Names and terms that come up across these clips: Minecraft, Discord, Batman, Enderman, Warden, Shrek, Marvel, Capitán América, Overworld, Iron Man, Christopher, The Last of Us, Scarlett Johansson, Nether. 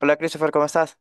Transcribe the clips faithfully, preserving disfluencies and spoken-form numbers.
Hola Christopher, ¿cómo estás?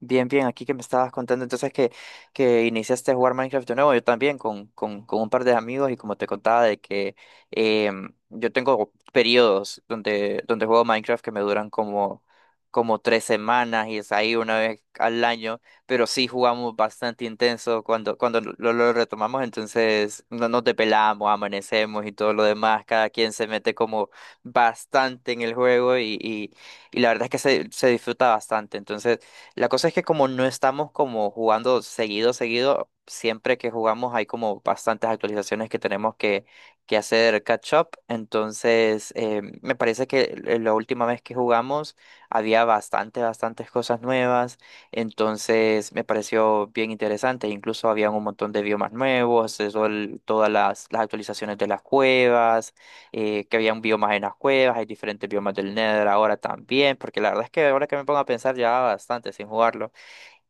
Bien, bien, aquí que me estabas contando entonces que, que iniciaste a jugar Minecraft de nuevo, yo también con, con, con un par de amigos y como te contaba de que em, yo tengo periodos donde, donde juego Minecraft que me duran como, como tres semanas y es ahí una vez al año, pero sí jugamos bastante intenso cuando, cuando lo, lo retomamos, entonces no nos depelamos, amanecemos y todo lo demás, cada quien se mete como bastante en el juego y, y, y la verdad es que se, se disfruta bastante, entonces... La cosa es que como no estamos como jugando seguido, seguido, siempre que jugamos hay como bastantes actualizaciones que tenemos que, que hacer catch up. Entonces, eh, me parece que l- la última vez que jugamos había bastante, bastantes cosas nuevas. Entonces, me pareció bien interesante. Incluso habían un montón de biomas nuevos, eso el- todas las, las actualizaciones de las cuevas eh, que habían biomas en las cuevas, hay diferentes biomas del Nether ahora también, porque la verdad es que ahora que me pongo a pensar ya bastante sin jugarlo.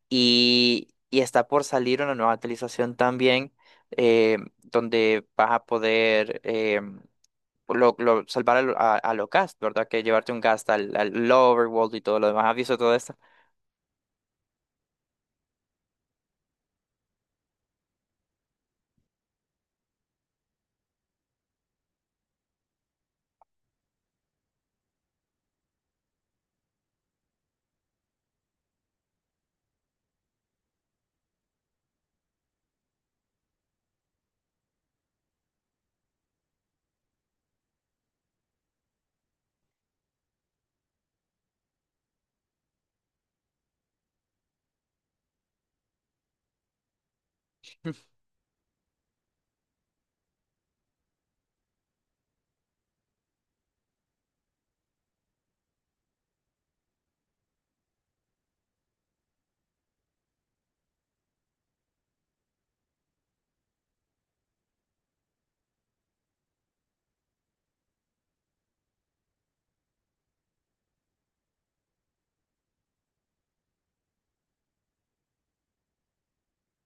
Y, y está por salir una nueva actualización también, eh, donde vas a poder eh, lo, lo- salvar al, a, a lo ghast, ¿verdad? Que llevarte un ghast al, al Overworld y todo lo demás. ¿Has visto todo esto?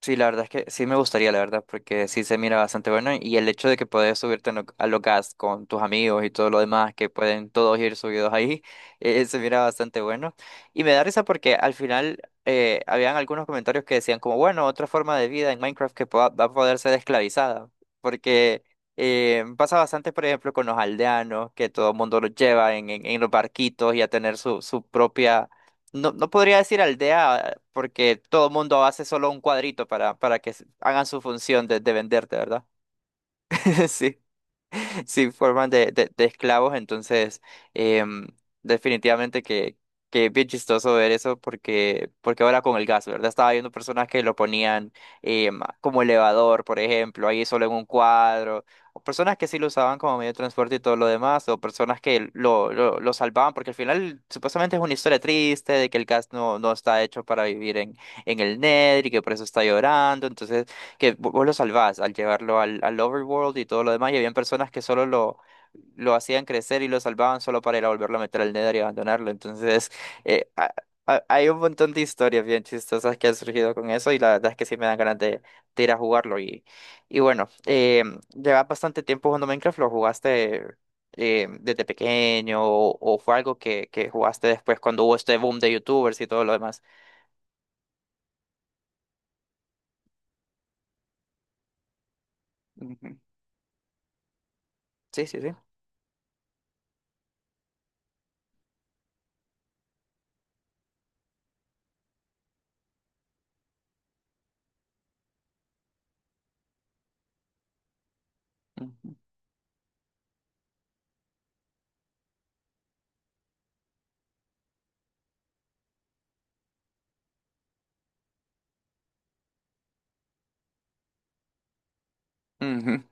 Sí, la verdad es que sí me gustaría, la verdad, porque sí se mira bastante bueno y el hecho de que puedes subirte en lo- a los gas con tus amigos y todo lo demás, que pueden todos ir subidos ahí, eh, se mira bastante bueno. Y me da risa porque al final eh, habían algunos comentarios que decían como, bueno, otra forma de vida en Minecraft que pueda- va a poder ser esclavizada, porque eh, pasa bastante, por ejemplo, con los aldeanos, que todo el mundo los lleva en, en, en los barquitos y a tener su, su propia... No, no podría decir aldea porque todo el mundo hace solo un cuadrito para, para que s- hagan su función de, de venderte, ¿verdad? Sí. Sí forman de, de, de esclavos, entonces em, definitivamente que, que es bien chistoso ver eso porque, porque ahora con el gas, ¿verdad? Estaba viendo personas que lo ponían em, como elevador, por ejemplo, ahí solo en un cuadro, o personas que sí lo usaban como medio de transporte y todo lo demás, o personas que lo, lo, lo salvaban, porque al final supuestamente es una historia triste de que el gas no, no está hecho para vivir en, en el Nether y que por eso está llorando, entonces que vo- vos lo salvás al llevarlo al, al overworld y todo lo demás, y habían personas que solo lo, lo hacían crecer y lo salvaban solo para ir a volverlo a meter al Nether y abandonarlo. Entonces, eh, ha- ha- hay un montón de historias bien chistosas que han surgido con eso, y la verdad es que sí me dan ganas de, de ir a jugarlo. Y, y bueno, eh, llevas bastante tiempo jugando Minecraft, lo jugaste. Eh, ¿desde pequeño o, o fue algo que, que jugaste después cuando hubo este boom de youtubers y todo lo demás? Ujú. Sí, sí, sí. Ujú. Ujú.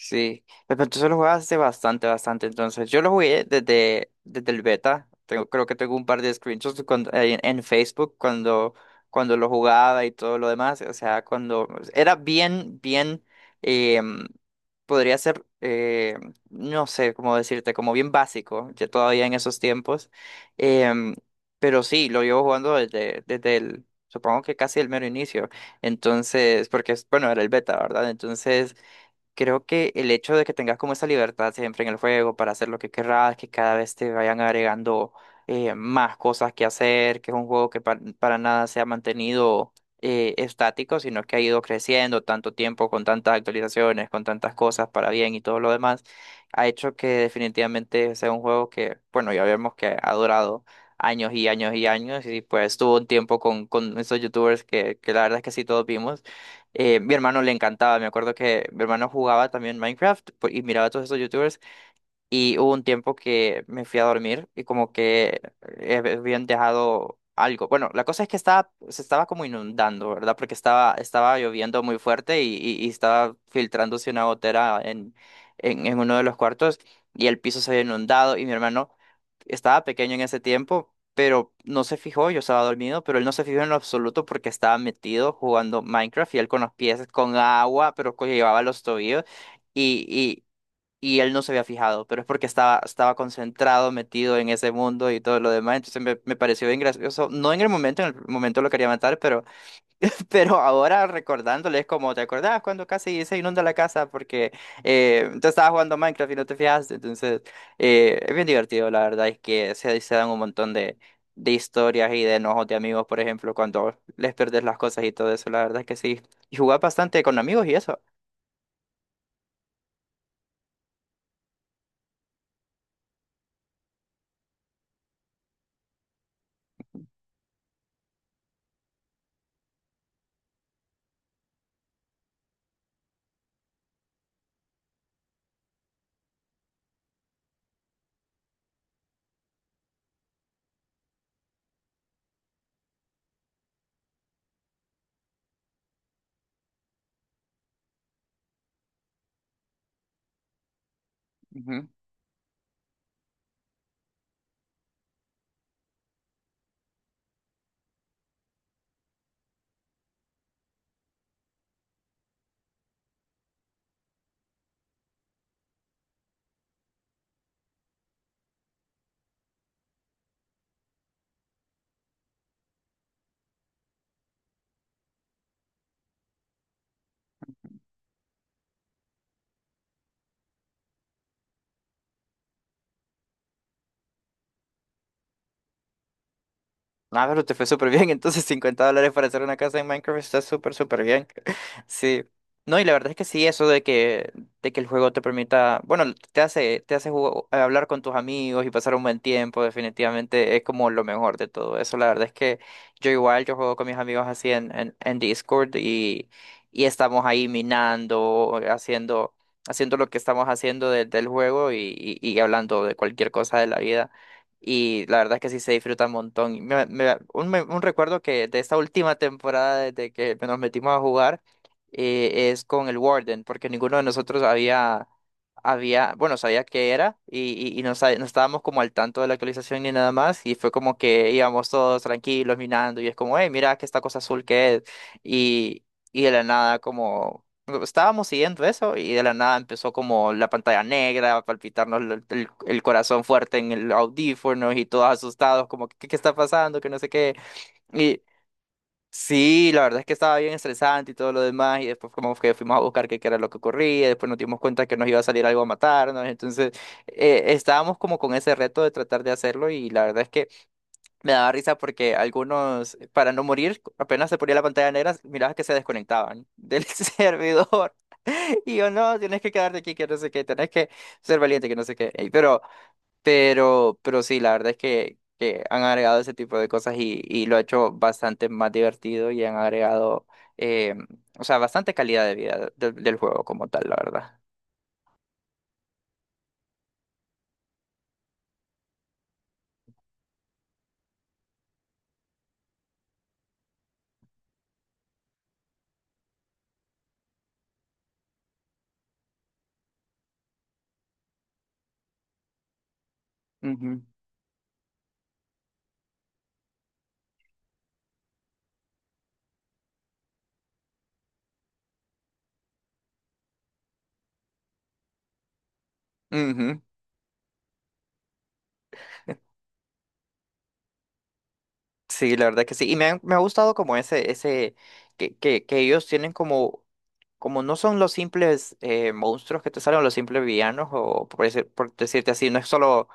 Sí, pues, pero entonces lo juegas hace bastante, bastante. Entonces, yo lo jugué desde, desde el beta. Tengo, creo que tengo un par de screenshots de cuando- en, en Facebook cuando, cuando lo jugaba y todo lo demás. O sea, cuando era bien, bien, em, podría ser, eh, no sé cómo decirte, como bien básico, ya todavía en esos tiempos. Em, pero sí, lo llevo jugando desde, desde el, supongo que casi el mero inicio. Entonces, porque, es- bueno, era el beta, ¿verdad? Entonces... Creo que el hecho de que tengas como esa libertad siempre en el juego para hacer lo que querrás, que cada vez te vayan agregando eh, más cosas que hacer, que es un juego que pa- para nada se ha mantenido eh, estático, sino que ha ido creciendo tanto tiempo, con tantas actualizaciones, con tantas cosas para bien y todo lo demás, ha hecho que definitivamente sea un juego que, bueno, ya vemos que ha durado años y años y años, y pues tuvo un tiempo con, con esos youtubers que, que la verdad es que sí todos vimos eh, mi hermano le encantaba, me acuerdo que mi hermano jugaba también Minecraft pues, y miraba a todos esos youtubers y hubo un tiempo que me fui a dormir y como que eh, habían dejado algo. Bueno, la cosa es que estaba, se estaba como inundando, ¿verdad? Porque estaba, estaba lloviendo muy fuerte y, y- y estaba filtrándose una gotera en, en, en uno de los cuartos y el piso se había inundado y mi hermano estaba pequeño en ese tiempo, pero no se fijó, yo estaba dormido, pero él no se fijó en lo absoluto porque estaba metido jugando Minecraft y él con los pies con agua, pero que llevaba los tobillos y él no se había fijado, pero es porque estaba, estaba concentrado, metido en ese mundo y todo lo demás, entonces me, me pareció bien gracioso, no en el momento, en el momento lo quería matar, pero, pero ahora recordándole es como, ¿te acordás cuando casi se inunda la casa porque eh, tú estabas jugando Minecraft y no te fijaste? Entonces, eh, es bien divertido, la verdad, es que se, se dan un montón de... de historias y de enojos de amigos, por ejemplo, cuando les perdés las cosas y todo eso, la verdad es que sí. Y jugás bastante con amigos y eso. Ah, pero te fue súper bien. Entonces, cincuenta dólares para hacer una casa en Minecraft está súper, súper bien. Sí. No, y la verdad es que sí, eso de que, de que el juego te permita, bueno, te hace, te hace jugo- eh, hablar con tus amigos y pasar un buen tiempo, definitivamente es como lo mejor de todo eso. La verdad es que yo igual, yo juego con mis amigos así en, en, en Discord y, y estamos ahí minando, eh, haciendo, haciendo lo que estamos haciendo de- del juego y, y y hablando de cualquier cosa de la vida. Y la verdad es que sí se disfruta un montón. Y me- me- un, me- un recuerdo que de esta última temporada, desde que nos metimos a jugar, eh, es con el Warden, porque ninguno de nosotros había, había, bueno, sabía qué era y, y, y no, sa- no estábamos como al tanto de la actualización ni nada más. Y fue como que íbamos todos tranquilos, minando, y es como, hey, mira que esta cosa azul que es. Y, y de la nada, como estábamos siguiendo eso y de la nada empezó como la pantalla negra a palpitarnos el, el- el corazón fuerte en el audífono y todos asustados como ¿qué, qué está pasando? Que no sé qué. Y sí, la verdad es que estaba bien estresante y todo lo demás y después como que fuimos a buscar qué, qué era lo que ocurría y después nos dimos cuenta que nos iba a salir algo a matarnos. Entonces eh, estábamos como con ese reto de tratar de hacerlo y la verdad es que... Me daba risa porque algunos, para no morir, apenas se ponía la pantalla negra, mirabas que se desconectaban del servidor. Y yo, no, tienes que quedarte aquí, que no sé qué, tenés que ser valiente, que no sé qué. Ey, pero, pero, pero sí, la verdad es que, que han agregado ese tipo de cosas y, y lo ha hecho bastante más divertido y han agregado, eh, o sea, bastante calidad de vida del del juego como tal, la verdad. Ujú, ujú. Sí, la verdad que sí. Y me, han- me ha gustado como ese, ese, que, que, que ellos tienen como, como no son los simples eh, monstruos que te salen, los simples villanos, o por, decir- por decirte así, no es solo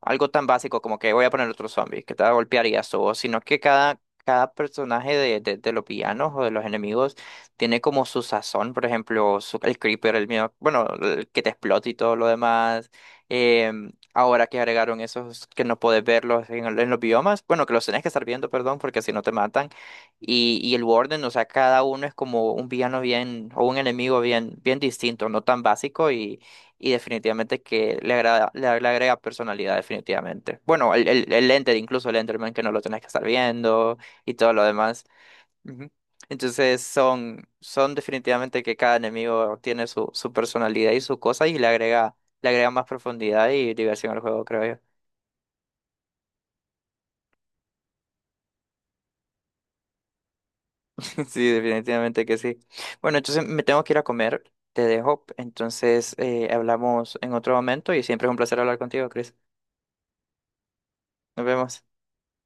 algo tan básico como que voy a poner otro zombie que te va a golpear y eso, sino que cada, cada personaje de, de, de los villanos o de los enemigos tiene como su sazón, por ejemplo, su- el creeper, el miedo, bueno, el que te explota y todo lo demás. em, Ahora que agregaron esos que no puedes verlos en, el- en los biomas, bueno, que los tenés que estar viendo, perdón, porque si no te matan. Y, y el Warden, o sea, cada uno es como un villano bien, o un enemigo bien, bien distinto, no tan básico y, y definitivamente que le agrada, le, le agrega personalidad, definitivamente. Bueno, el, el, el Enter, incluso el Enderman, que no lo tenés que estar viendo y todo lo demás. Ujú. Entonces son, son definitivamente que cada enemigo tiene su, su personalidad y su cosa y le agrega, le agrega más profundidad y diversión al juego, creo yo. Sí, definitivamente que sí. Bueno, entonces me tengo que ir a comer, te dejo. Entonces eh, hablamos en otro momento y siempre es un placer hablar contigo, Chris. Nos vemos.